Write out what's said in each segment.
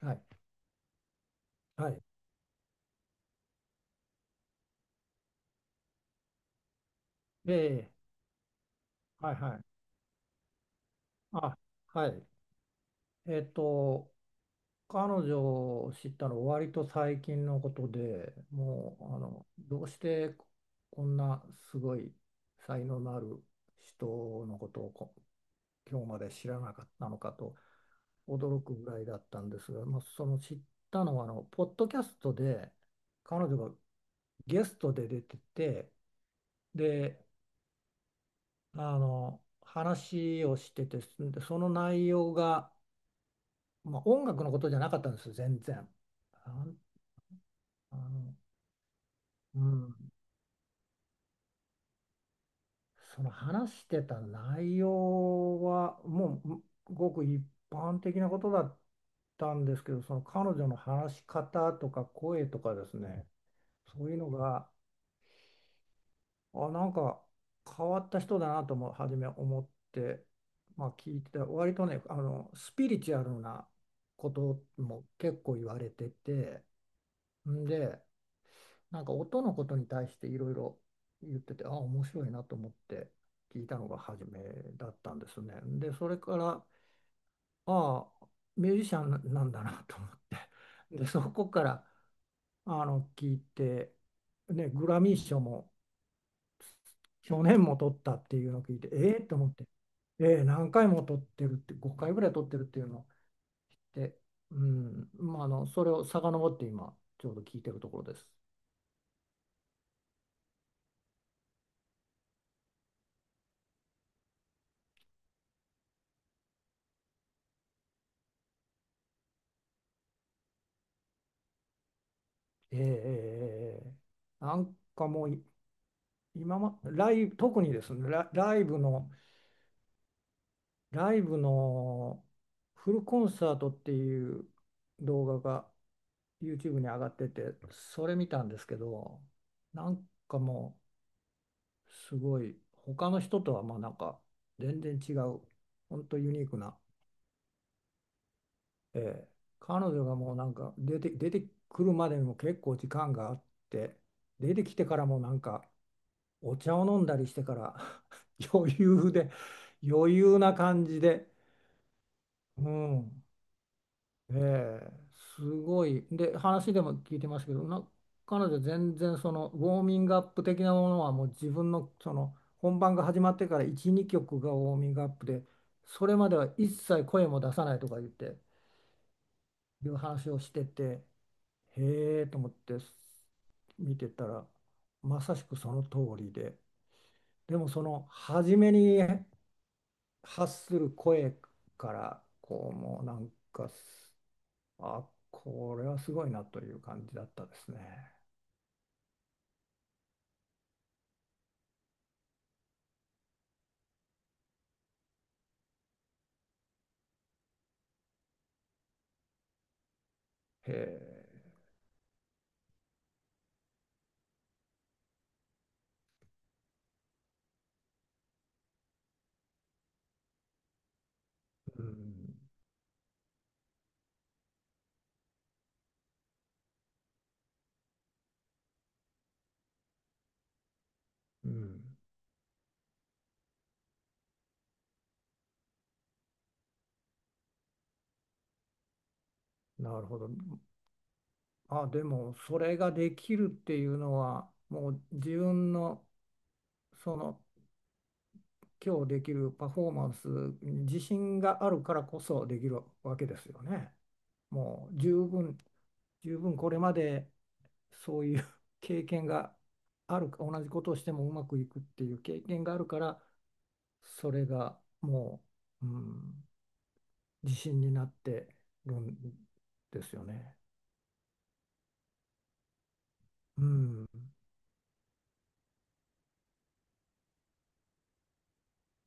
はい。はい。ええ、はいはい。あ、はい。えっと、彼女を知ったの割と最近のことで、もう、どうしてこんなすごい才能のある人のことを今日まで知らなかったのかと驚くぐらいだったんですが、まあ、その知ったのは、ポッドキャストで彼女がゲストで出てて、で、話をしててでその内容が、まあ、音楽のことじゃなかったんですよ全然。ああの、うん、その話してた内容はもうごく一般的なことだったんですけどその彼女の話し方とか声とかですねそういうのがなんか変わった人だなとも初め思って、まあ、聞いてた割とねスピリチュアルなことも結構言われててんでなんか音のことに対していろいろ言ってて面白いなと思って聞いたのが初めだったんですね。でそれからああミュージシャンなんだなと思ってでそこから聞いて、ね、グラミー賞も去年も取ったっていうのを聞いて、ええと思って、ええ何回も取ってるって、5回ぐらい取ってるっていうのを聞いて、うん、まあ、それを遡って今、ちょうど聞いてるところです。えーえーえーえなんかもうい、今ま、ライブ、特にですね、ライブのフルコンサートっていう動画が YouTube に上がってて、それ見たんですけど、なんかもう、すごい他の人とはまあなんか全然違う本当ユニークな、ええ彼女がもうなんか出てくるまでにも結構時間があって出てきてからもなんかお茶を飲んだりしてから 余裕で余裕な感じで、うん、ええ、すごい。で、話でも聞いてますけど、彼女全然そのウォーミングアップ的なものはもう自分のその本番が始まってから1、2曲がウォーミングアップで、それまでは一切声も出さないとか言って、いう話をしてて、へえと思って見てたら、まさしくその通りで、でもその初めに発する声から、こうもうなんかあ、これはすごいなという感じだったですね。へえ、うん、うん、なるほど。あ、でもそれができるっていうのは、もう自分のその今日できるパフォーマンスに自信があるからこそできるわけですよね。もう十分、十分これまでそういう 経験がある、同じことをしてもうまくいくっていう経験があるから、それがもう、うん。自信になってるんですよね。うん、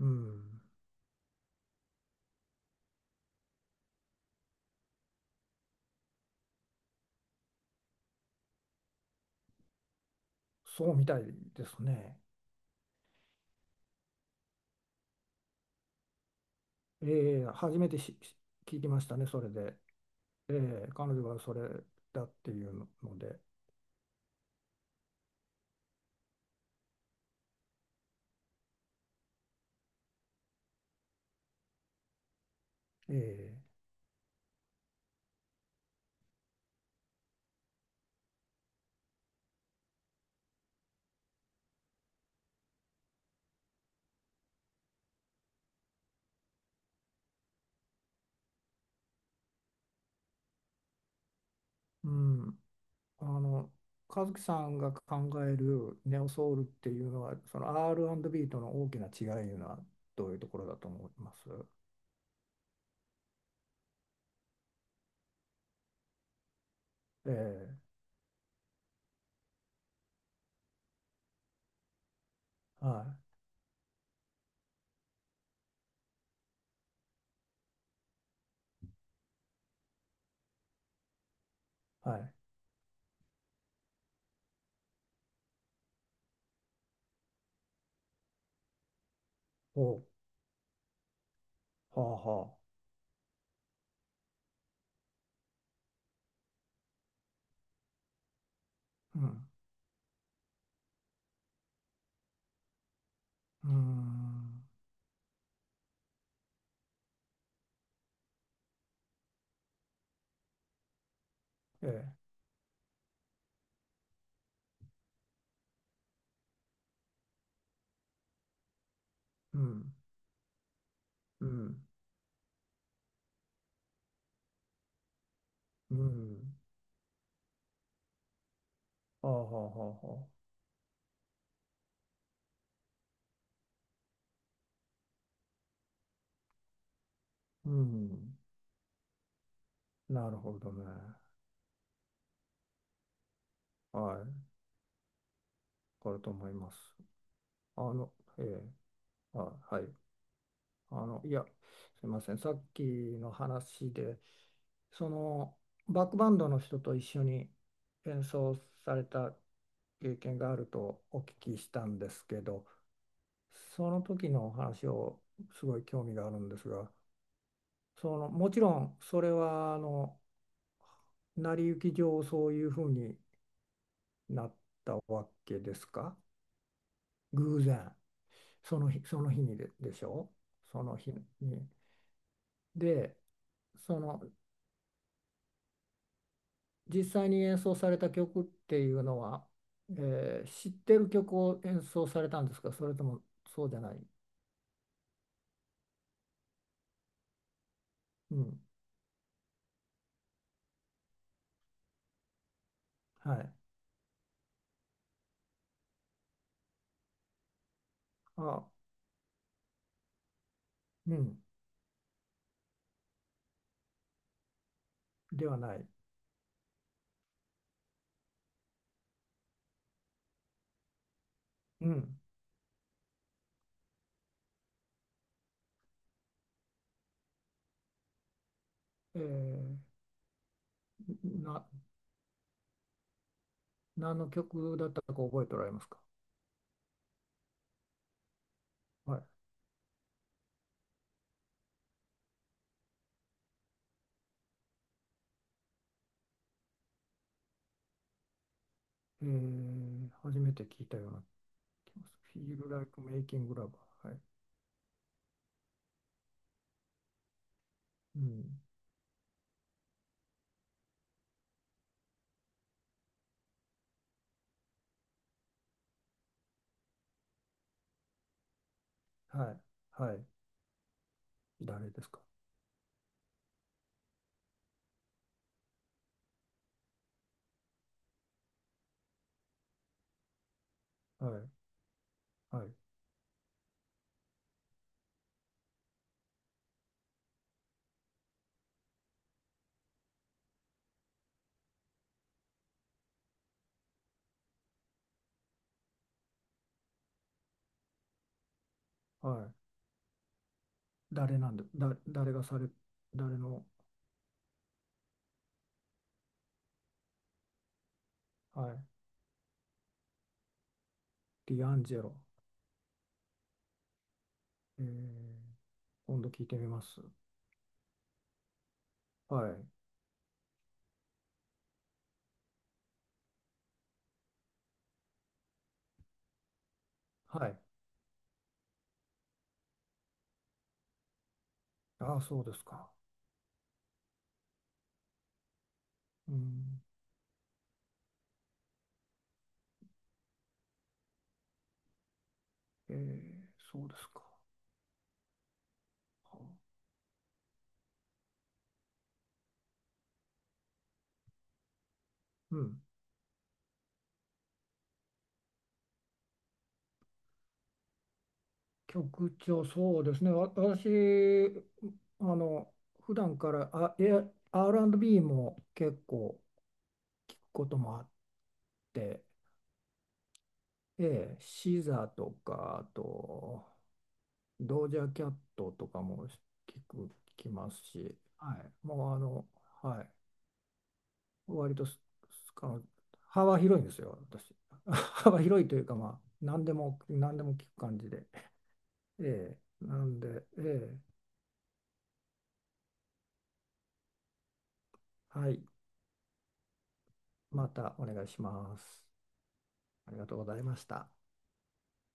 うん、そうみたいですね。ええ、初めて聞きましたね、それで。ええ、彼女はそれだっていうので。ええ、うん、あの、和樹さんが考えるネオソウルっていうのは、その R&B との大きな違いいうのはどういうところだと思います？ええ、はい、はい。ほう、はあはあ。うん、うーん、ええ。うん、うん、うん。ああ、はあ、はあ、はあ。うん。なるほどね。はい。わかると思います。あの、ええ、あ、はい。いや、すいません。さっきの話で、その、バックバンドの人と一緒に演奏された経験があるとお聞きしたんですけど、その時のお話をすごい興味があるんですが、その、もちろんそれは、成り行き上そういうふうになったわけですか？偶然その日その日にでしょ？その日に。でその実際に演奏された曲っていうのは、知ってる曲を演奏されたんですか？それともそうじゃない、うん、はい。あ、うん、ではない。うん。えーな、何の曲だったか覚えておられますか？はい。えー初めて聞いたような feel like making love. はい。うん。はい。はい。誰ですか？はい。はい。はい。誰なんで、だ、誰がされ、誰の、はい。ディアンジェロ。えー、今度聞いてみます。はい。はい。ああ、そうですか。うん。えー、そうですか。はあうん。曲調、そうですね。私、あの、普段から、R&B も結構聞くこともあって、ええ、シザとか、あと、ドージャーキャットとかもく、聞きますし、はい、もうはい、割とすすあの幅広いんですよ、私。幅広いというか、まあ、何でも、何でも聞く感じで。ええ、なんで、ええ、はい、またお願いします。ありがとうございました。